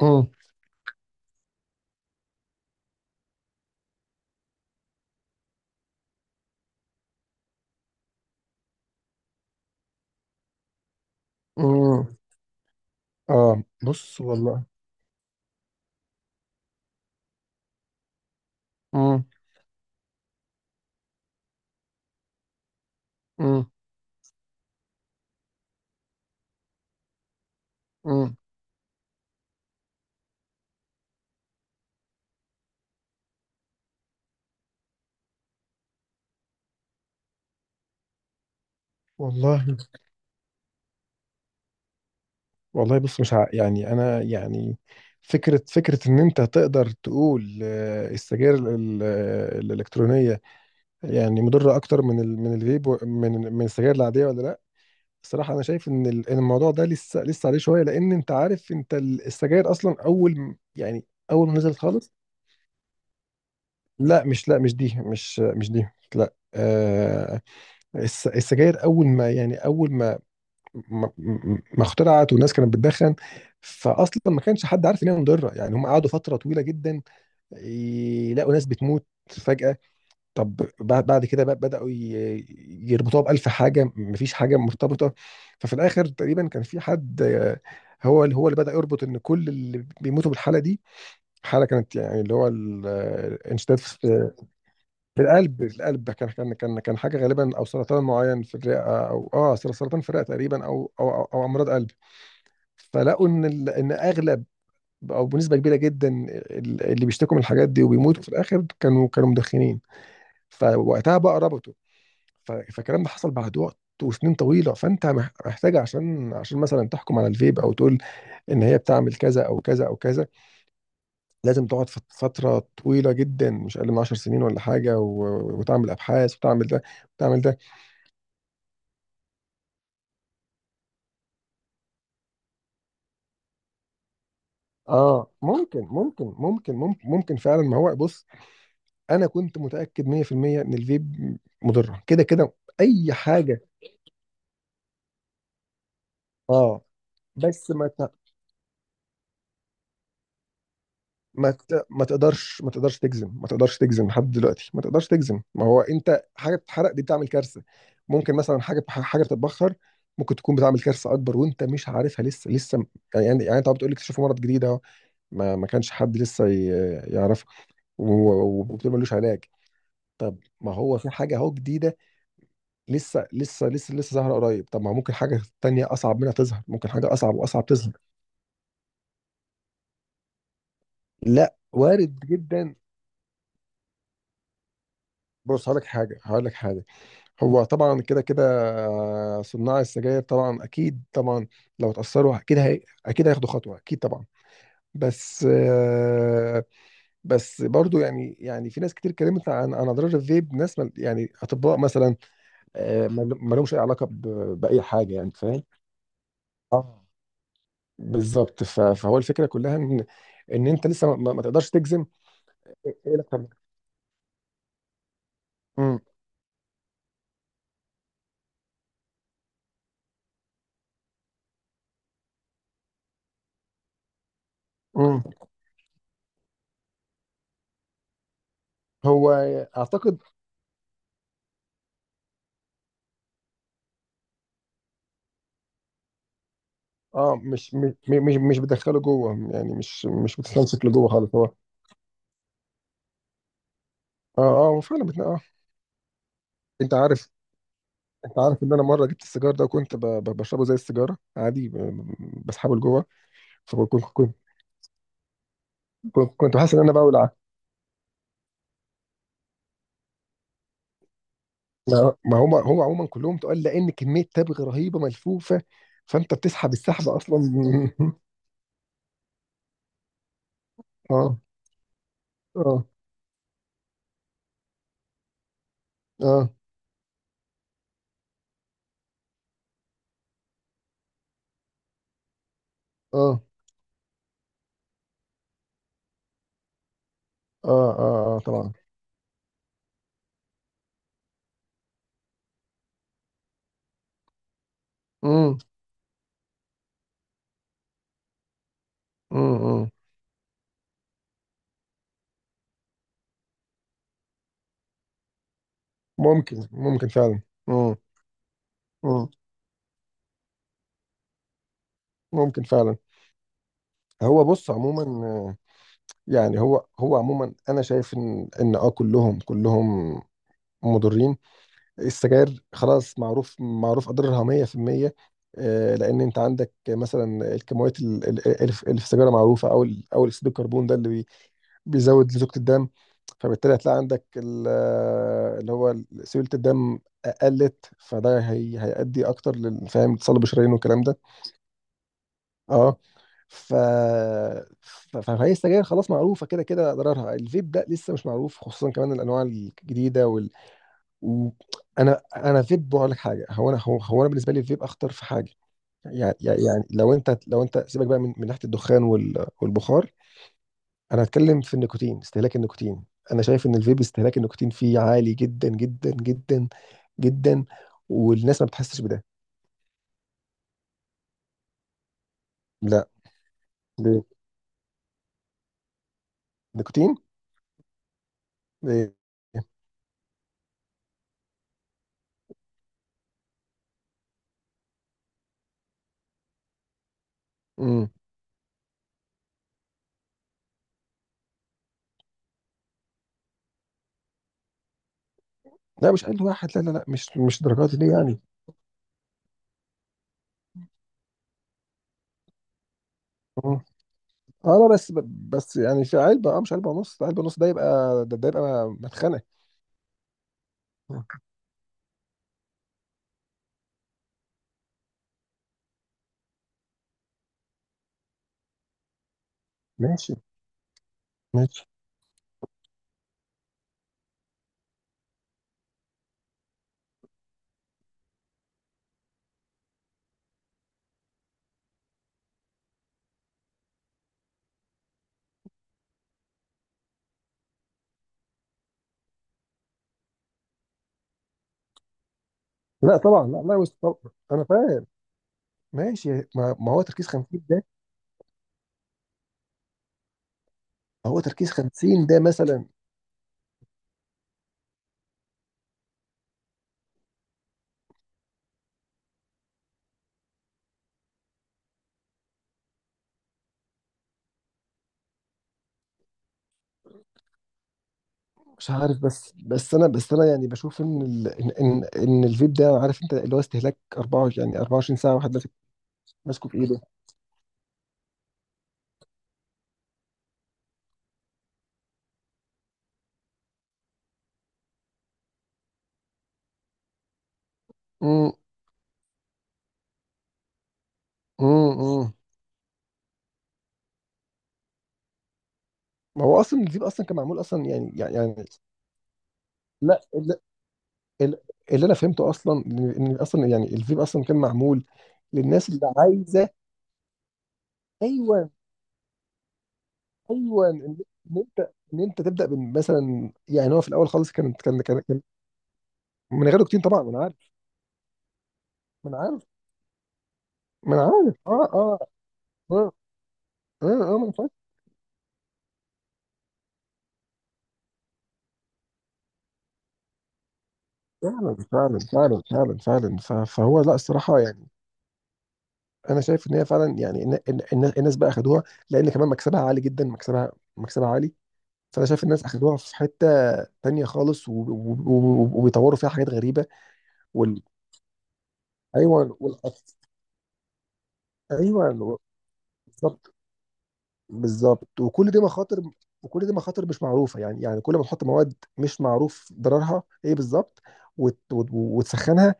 امم امم اه بص، والله. امم امم امم والله، والله، بص، مش ع... يعني انا، يعني فكره ان انت تقدر تقول السجاير الالكترونيه يعني مضره اكتر من الفيب من السجاير العاديه، ولا لا؟ الصراحه انا شايف إن الموضوع ده لسه عليه شويه، لان انت عارف انت السجاير اصلا يعني اول ما نزلت خالص. لا، مش دي. لا، آه. السجاير اول ما ما ما اخترعت والناس كانت بتدخن، فاصلا ما كانش حد عارف ان هي مضره. يعني هم قعدوا فتره طويله جدا يلاقوا ناس بتموت فجاه. طب بعد كده بقى يربطوها بالف حاجه مفيش حاجه مرتبطه. ففي الاخر تقريبا كان في حد، هو اللي بدا يربط ان كل اللي بيموتوا بالحاله دي، حاله كانت يعني، اللي هو الانشداد في، في القلب. كان حاجه غالبا، او سرطان معين في الرئه، او اه سرطان في الرئه تقريبا، أو امراض قلب. فلقوا ان اغلب، او بنسبه كبيره جدا، اللي بيشتكوا من الحاجات دي وبيموتوا في الاخر، كانوا مدخنين. فوقتها بقى ربطوا. فالكلام ده حصل بعد وقت وسنين طويله. فانت محتاج، عشان عشان مثلا تحكم على الفيب او تقول ان هي بتعمل كذا او كذا او كذا، لازم تقعد في فتره طويله جدا، مش اقل من 10 سنين ولا حاجه، وتعمل ابحاث، وتعمل ده، وتعمل ده. اه ممكن فعلا. ما هو بص، انا كنت متاكد 100% ان الفيب مضره كده كده، اي حاجه. اه بس ما تقدرش تجزم. ما تقدرش تجزم لحد دلوقتي. ما تقدرش تجزم. ما هو انت حاجه بتتحرق دي بتعمل كارثه، ممكن مثلا حاجه بتتبخر ممكن تكون بتعمل كارثه اكبر وانت مش عارفها لسه. يعني يعني انت بتقول لي اكتشفوا مرض جديد اهو، ما ما كانش حد لسه يعرفه، و- و- وبتقول ملوش علاج. طب ما هو في حاجه اهو جديده لسه ظاهره قريب. طب ما ممكن حاجه تانية اصعب منها تظهر، ممكن حاجه اصعب واصعب تظهر. لا، وارد جدا. بص هقول لك حاجه هقول لك حاجه. هو طبعا كده كده، صناع السجاير، طبعا اكيد طبعا لو اتاثروا اكيد هي، اكيد هياخدوا خطوه، اكيد طبعا. بس آه، بس برضو، يعني يعني في ناس كتير اتكلمت عن اضرار الفيب، ناس يعني اطباء مثلا، ما لهمش اي علاقه باي حاجه، يعني فاهم. اه، بالظبط. فهو الفكره كلها ان ان انت لسه ما تقدرش تجزم. ايه؟ إيه الاكتر؟ امم امم هو اعتقد. اه مش بتدخله جوه يعني، مش بتستمسك لجوه خالص، هو اه. اه، هو فعلا اه. انت عارف، ان انا مره جبت السيجار ده، وكنت بشربه زي السيجاره عادي، بسحبه لجوه. فكنت كنت كنت حاسس ان انا بولع. ما ما هم هو عموما كلهم تقول، لان كميه تبغ رهيبه ملفوفه، فانت بتسحب السحب اصلا. اه اه اه اه اه طبعا. امم امم ممكن فعلا. امم امم ممكن فعلا. هو بص، عموما، آه، يعني هو عموما، انا شايف ان ان اه كلهم مضرين. السجاير خلاص، معروف اضرارها 100%. لان انت عندك مثلا الكميات اللي في السيجاره معروفه، او اكسيد الكربون ده بيزود لزوجة الدم. فبالتالي هتلاقي عندك اللي هو سيولة الدم قلت. فده هي هيؤدي اكتر للفهم تصلب الشرايين والكلام ده. اه. ف فهي السجاير خلاص معروفه كده كده اضرارها. الفيب ده لسه مش معروف، خصوصا كمان الانواع الجديده و... انا فيب بقول لك حاجه. هو انا بالنسبه لي الفيب اخطر في حاجه. يعني يعني لو انت سيبك بقى من ناحيه الدخان والبخار. انا هتكلم في النيكوتين، استهلاك النيكوتين. انا شايف ان الفيب استهلاك النيكوتين فيه عالي جدا جدا جدا. والناس ما بتحسش بده. لا. ليه؟ نيكوتين. ليه؟ امم لا، مش اقل واحد. لا، مش درجات دي يعني. مم. اه، لا بس يعني في علبه، اه مش علبه ونص. علبه ونص ده يبقى، ده يبقى مدخنه. مم. ماشي، ماشي. لا طبعا لا لا، مش طبعا. انا فاهم. ماشي. ما هو تركيز 50 ده. هو تركيز 50 ده مثلا. مش عارف، بس سنة، يعني بشوف إن ال إن إن إن الفيبداء عارف. أنت لو استهلك أرباعه، يعني أرباعه شهرين ساعة واحد لازم. مسكو في إيده. أمم أمم ما هو أصلاً الفيبد أصلاً كم عمول أصلاً، لا، ال ال اللي أنا فهمته أصلاً، إن إن أصلاً يعني الفيبد أصلاً كم عمول للناس اللي عايزه. أيوة، إن إن أنت، أنت تبدأ بس، مثلاً يعني. هو في الأول خلص، كنا من يغلق تين طبعاً. منعرف منعرف. من فضي. فعلا. فهو لا، الصراحه يعني انا شايف ان هي فعلا، يعني إن الناس بقى اخدوها لان كمان مكسبها عالي جدا. مكسبها عالي. فانا شايف الناس اخدوها في حته تانية خالص، وبيطوروا فيها حاجات غريبه. وال... ايوه. ايوه. بالظبط بالظبط وكل دي مخاطر. وكل دي مخاطر مش معروفه. يعني يعني كل ما تحط مواد مش معروف ضررها ايه بالظبط وتسخنها.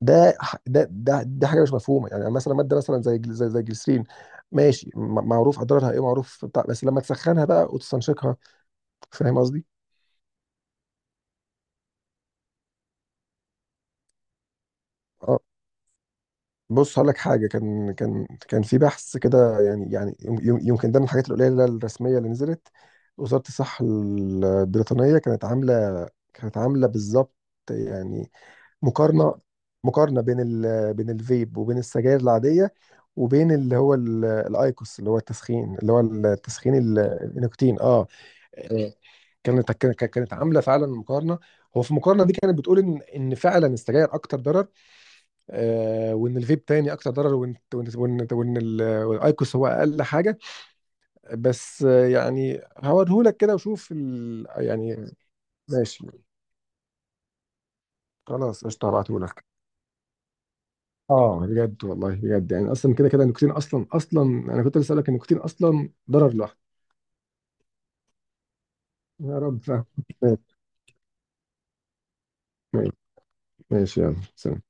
ده ح- ده ده دي حاجه مش مفهومه يعني، مثلا ماده مثلا زي زي الجليسرين، ماشي، معروف اضرارها ايه، معروف بتاع، بس لما تسخنها بقى وتستنشقها. فاهم قصدي؟ اه. بص هقول لك حاجه. كان كان كان في بحث كده. يعني يعني يمكن ده من الحاجات القليله الرسميه اللي نزلت. وزاره الصحه البريطانيه كانت عامله، بالظبط يعني مقارنه. بين ال، بين الفيب، وبين السجاير العاديه، وبين اللي هو الايكوس، اللي هو التسخين، النيكوتين. اه. مم. كانت عامله فعلا مقارنه. هو في المقارنه دي كانت بتقول ان فعلا السجاير اكتر ضرر، آه، وان الفيب تاني اكتر ضرر، وإن والايكوس هو اقل حاجه. بس آه يعني هوريهولك كده، وشوف يعني. ماشي. خلاص، قشطه، هبعتهولك. اه، بجد والله، بجد. يعني اصلا كده كده النيكوتين اصلا، انا كنت لسه اسالك النيكوتين اصلا ضرر لوحده. يا رب. فاهم. ماشي، ماشي، يلا، سلام.